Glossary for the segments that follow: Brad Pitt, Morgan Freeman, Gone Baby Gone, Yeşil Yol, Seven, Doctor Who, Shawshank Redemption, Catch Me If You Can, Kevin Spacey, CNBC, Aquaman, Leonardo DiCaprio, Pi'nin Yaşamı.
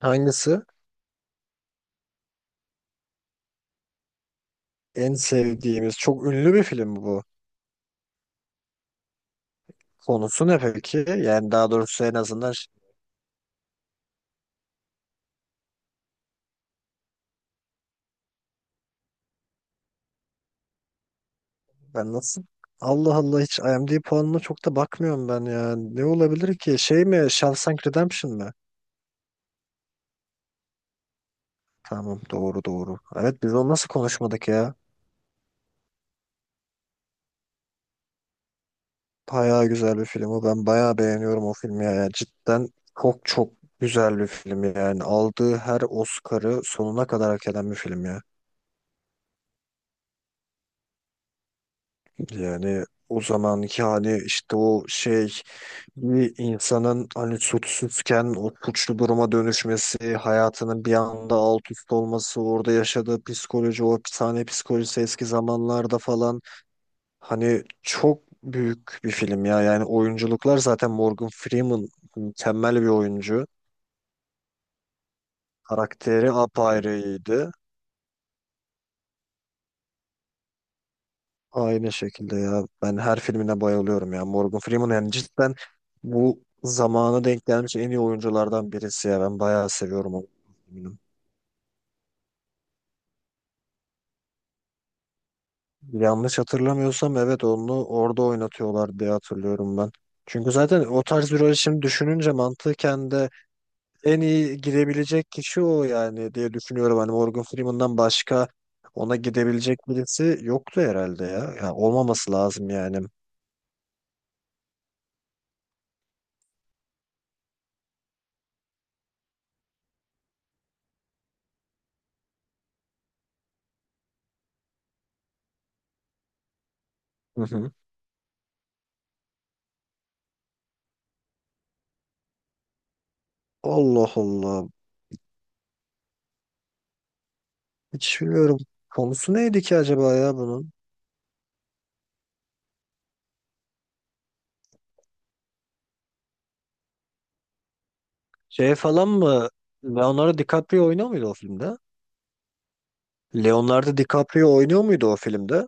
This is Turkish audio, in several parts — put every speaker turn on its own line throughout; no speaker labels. Hangisi? En sevdiğimiz. Çok ünlü bir film bu. Konusu ne peki? Yani daha doğrusu en azından ben nasıl? Allah Allah hiç IMDb puanına çok da bakmıyorum ben ya. Ne olabilir ki? Şey mi? Shawshank Redemption mi? Tamam doğru doğru. Evet biz onu nasıl konuşmadık ya? Bayağı güzel bir film o. Ben bayağı beğeniyorum o filmi ya. Yani cidden çok çok güzel bir film yani. Aldığı her Oscar'ı sonuna kadar hak eden bir film ya. Yani o zamanki hani işte o şey bir insanın hani suçsuzken o suçlu duruma dönüşmesi, hayatının bir anda alt üst olması, orada yaşadığı psikoloji, o hapishane psikolojisi eski zamanlarda falan hani çok büyük bir film ya. Yani oyunculuklar zaten Morgan Freeman mükemmel bir oyuncu. Karakteri apayrıydı. Aynı şekilde ya. Ben her filmine bayılıyorum ya. Morgan Freeman yani cidden bu zamanı denk gelmiş en iyi oyunculardan birisi ya. Ben bayağı seviyorum onu. Yanlış hatırlamıyorsam evet onu orada oynatıyorlar diye hatırlıyorum ben. Çünkü zaten o tarz bir rol şimdi düşününce mantıken de en iyi gidebilecek kişi o yani diye düşünüyorum. Hani Morgan Freeman'dan başka ona gidebilecek birisi yoktu herhalde ya. Yani olmaması lazım yani. Hı hı. Allah Allah. Hiç bilmiyorum. Konusu neydi ki acaba ya bunun? Şey falan mı? Leonardo DiCaprio oynuyor muydu o filmde? Leonardo DiCaprio oynuyor muydu o filmde?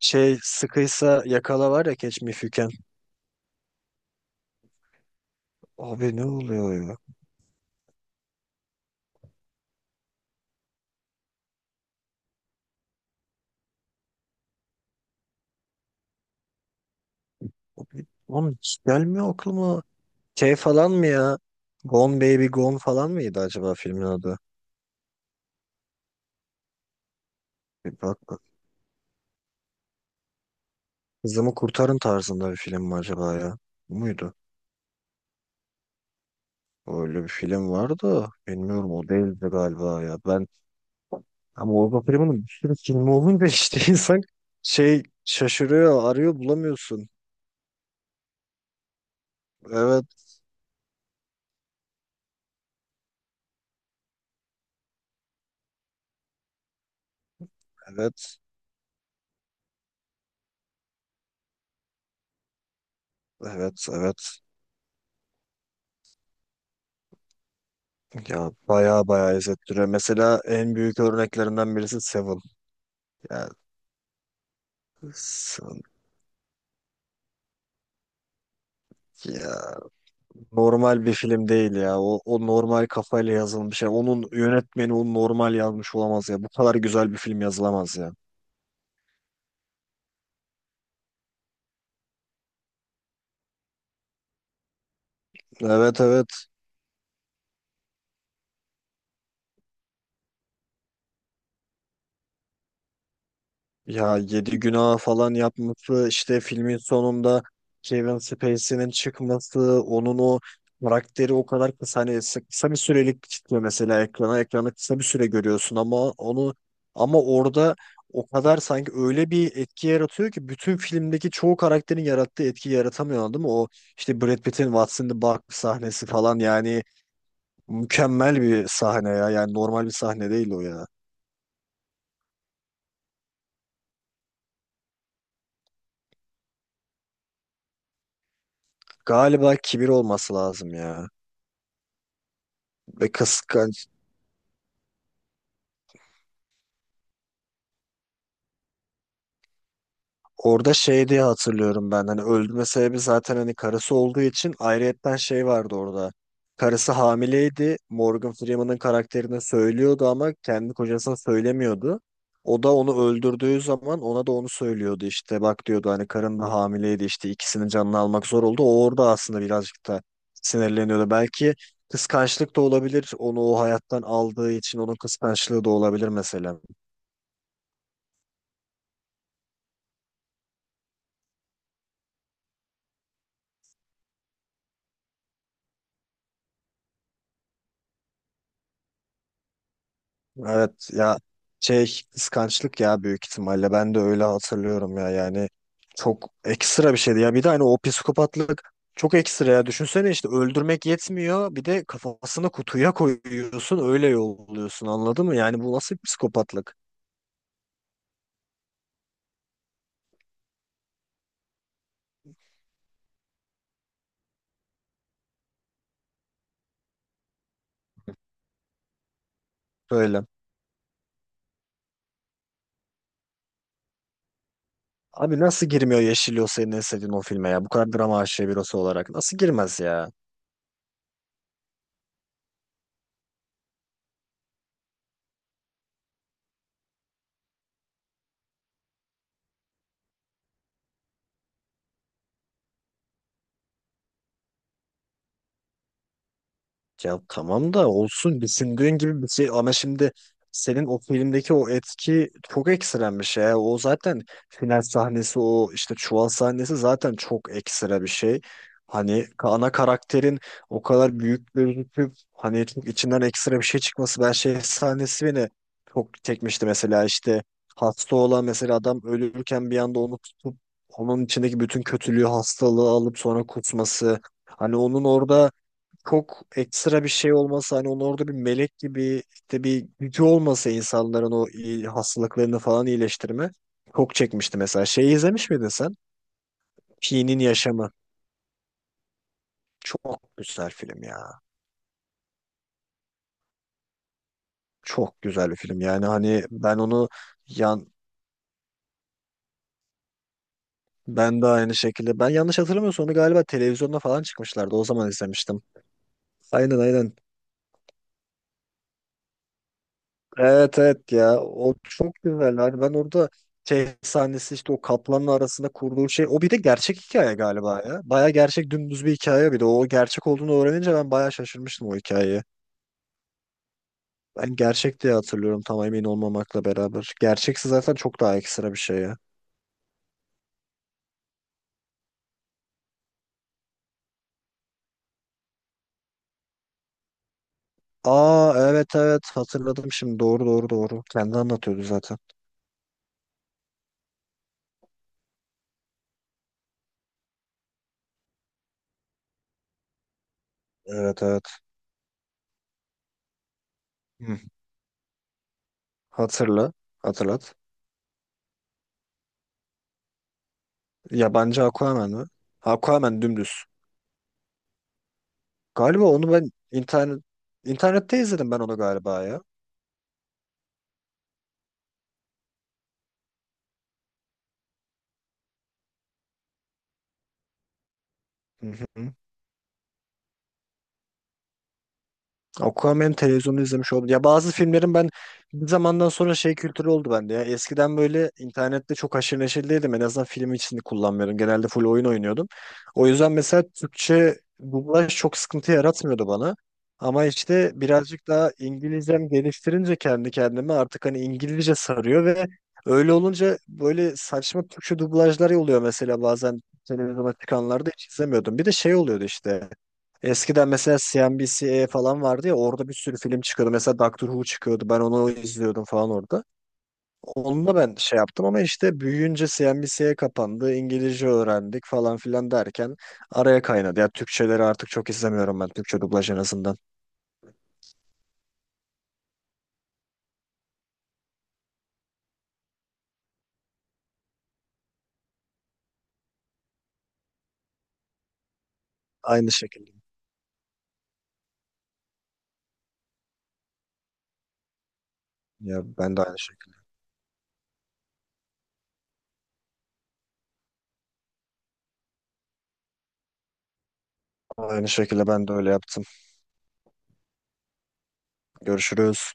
Şey sıkıysa yakala var ya, Catch Me If You Can. Abi ne oluyor ya? Abi, oğlum hiç gelmiyor aklıma. Şey falan mı ya? Gone Baby Gone falan mıydı acaba filmin adı? Bir bak bak. Kızımı Kurtarın tarzında bir film mi acaba ya? Bu muydu? Öyle bir film vardı. Bilmiyorum o değildi galiba ya. Ben ama Orga Prime'nin bir sürü filmi olunca işte insan şey şaşırıyor, arıyor bulamıyorsun. Evet, evet, evet, evet. Ya baya baya izlettiriyor. Mesela en büyük örneklerinden birisi Seven. Ya Seven ya. Normal bir film değil ya. O normal kafayla yazılmış ya. Onun yönetmeni onu normal yazmış olamaz ya. Bu kadar güzel bir film yazılamaz ya. Evet evet. Ya yedi günah falan yapması işte filmin sonunda Kevin Spacey'nin çıkması, onun o karakteri o kadar kısa, hani kısa bir sürelik çıkıyor mesela ekrana, kısa bir süre görüyorsun ama onu, ama orada o kadar sanki öyle bir etki yaratıyor ki bütün filmdeki çoğu karakterin yarattığı etki yaratamıyor değil mi? O işte Brad Pitt'in What's in the Box sahnesi falan yani mükemmel bir sahne ya, yani normal bir sahne değil o ya. Galiba kibir olması lazım ya, ve kıskanç. Orada şey diye hatırlıyorum ben, hani öldürme sebebi zaten hani karısı olduğu için, ayrıyetten şey vardı orada. Karısı hamileydi. Morgan Freeman'ın karakterine söylüyordu ama kendi kocasına söylemiyordu. O da onu öldürdüğü zaman ona da onu söylüyordu, işte bak diyordu, hani karın da hamileydi, işte ikisinin canını almak zor oldu. O orada aslında birazcık da sinirleniyordu. Belki kıskançlık da olabilir, onu o hayattan aldığı için onun kıskançlığı da olabilir mesela. Evet ya, şey kıskançlık ya, büyük ihtimalle ben de öyle hatırlıyorum ya. Yani çok ekstra bir şeydi ya, bir de hani o psikopatlık çok ekstra ya, düşünsene işte öldürmek yetmiyor, bir de kafasını kutuya koyuyorsun öyle yolluyorsun, anladın mı yani, bu nasıl bir psikopatlık böyle. Abi nasıl girmiyor Yeşil Yol senin en sevdiğin o filme ya, bu kadar drama aşığı birisi olarak nasıl girmez ya. Ya tamam da, olsun düşündüğün gibi bir şey, ama şimdi senin o filmdeki o etki çok ekstrem bir şey ya. O zaten final sahnesi, o işte çuval sahnesi zaten çok ekstra bir şey. Hani ana karakterin o kadar büyük gözüküp hani çok içinden ekstra bir şey çıkması, ben şey sahnesi beni çok çekmişti mesela, işte hasta olan mesela adam ölürken bir anda onu tutup onun içindeki bütün kötülüğü, hastalığı alıp sonra kusması. Hani onun orada çok ekstra bir şey olmasa, hani onun orada bir melek gibi işte bir gücü olmasa insanların o hastalıklarını falan iyileştirme, çok çekmişti mesela. Şeyi izlemiş miydin sen? Pi'nin Yaşamı. Çok güzel film ya. Çok güzel bir film. Yani hani ben onu, yan ben de aynı şekilde, ben yanlış hatırlamıyorsam onu galiba televizyonda falan çıkmışlardı. O zaman izlemiştim. Aynen aynen. Evet evet ya, o çok güzel, hani ben orada şey sahnesi, işte o kaplanla arasında kurduğu şey, o bir de gerçek hikaye galiba ya, baya gerçek dümdüz bir hikaye, bir de o gerçek olduğunu öğrenince ben baya şaşırmıştım o hikayeyi. Ben gerçek diye hatırlıyorum, tam emin olmamakla beraber, gerçekse zaten çok daha ekstra bir şey ya. Aa evet evet, hatırladım şimdi, doğru doğru doğru, kendi anlatıyordu zaten. Evet evet. Hı. hatırla Hatırlat. Yabancı Aquaman mı? Aquaman dümdüz. Galiba onu ben internette izledim ben, onu galiba ya. Hı hı. Aquaman televizyonu izlemiş oldum. Ya bazı filmlerin ben bir zamandan sonra şey kültürü oldu bende ya. Eskiden böyle internette çok haşır neşir değildim. En azından film için kullanmıyorum. Genelde full oyun oynuyordum. O yüzden mesela Türkçe dublaj çok sıkıntı yaratmıyordu bana. Ama işte birazcık daha İngilizcem geliştirince kendi kendime artık hani İngilizce sarıyor ve öyle olunca böyle saçma Türkçe dublajlar oluyor mesela, bazen televizyona çıkanlarda hiç izlemiyordum. Bir de şey oluyordu işte. Eskiden mesela CNBC'ye falan vardı ya, orada bir sürü film çıkıyordu. Mesela Doctor Who çıkıyordu. Ben onu izliyordum falan orada. Onunla ben şey yaptım, ama işte büyüyünce CNBC'ye kapandı, İngilizce öğrendik falan filan derken araya kaynadı. Ya Türkçeleri artık çok izlemiyorum ben. Türkçe dublaj en azından. Aynı şekilde. Ya ben de aynı şekilde. Aynı şekilde ben de öyle yaptım. Görüşürüz.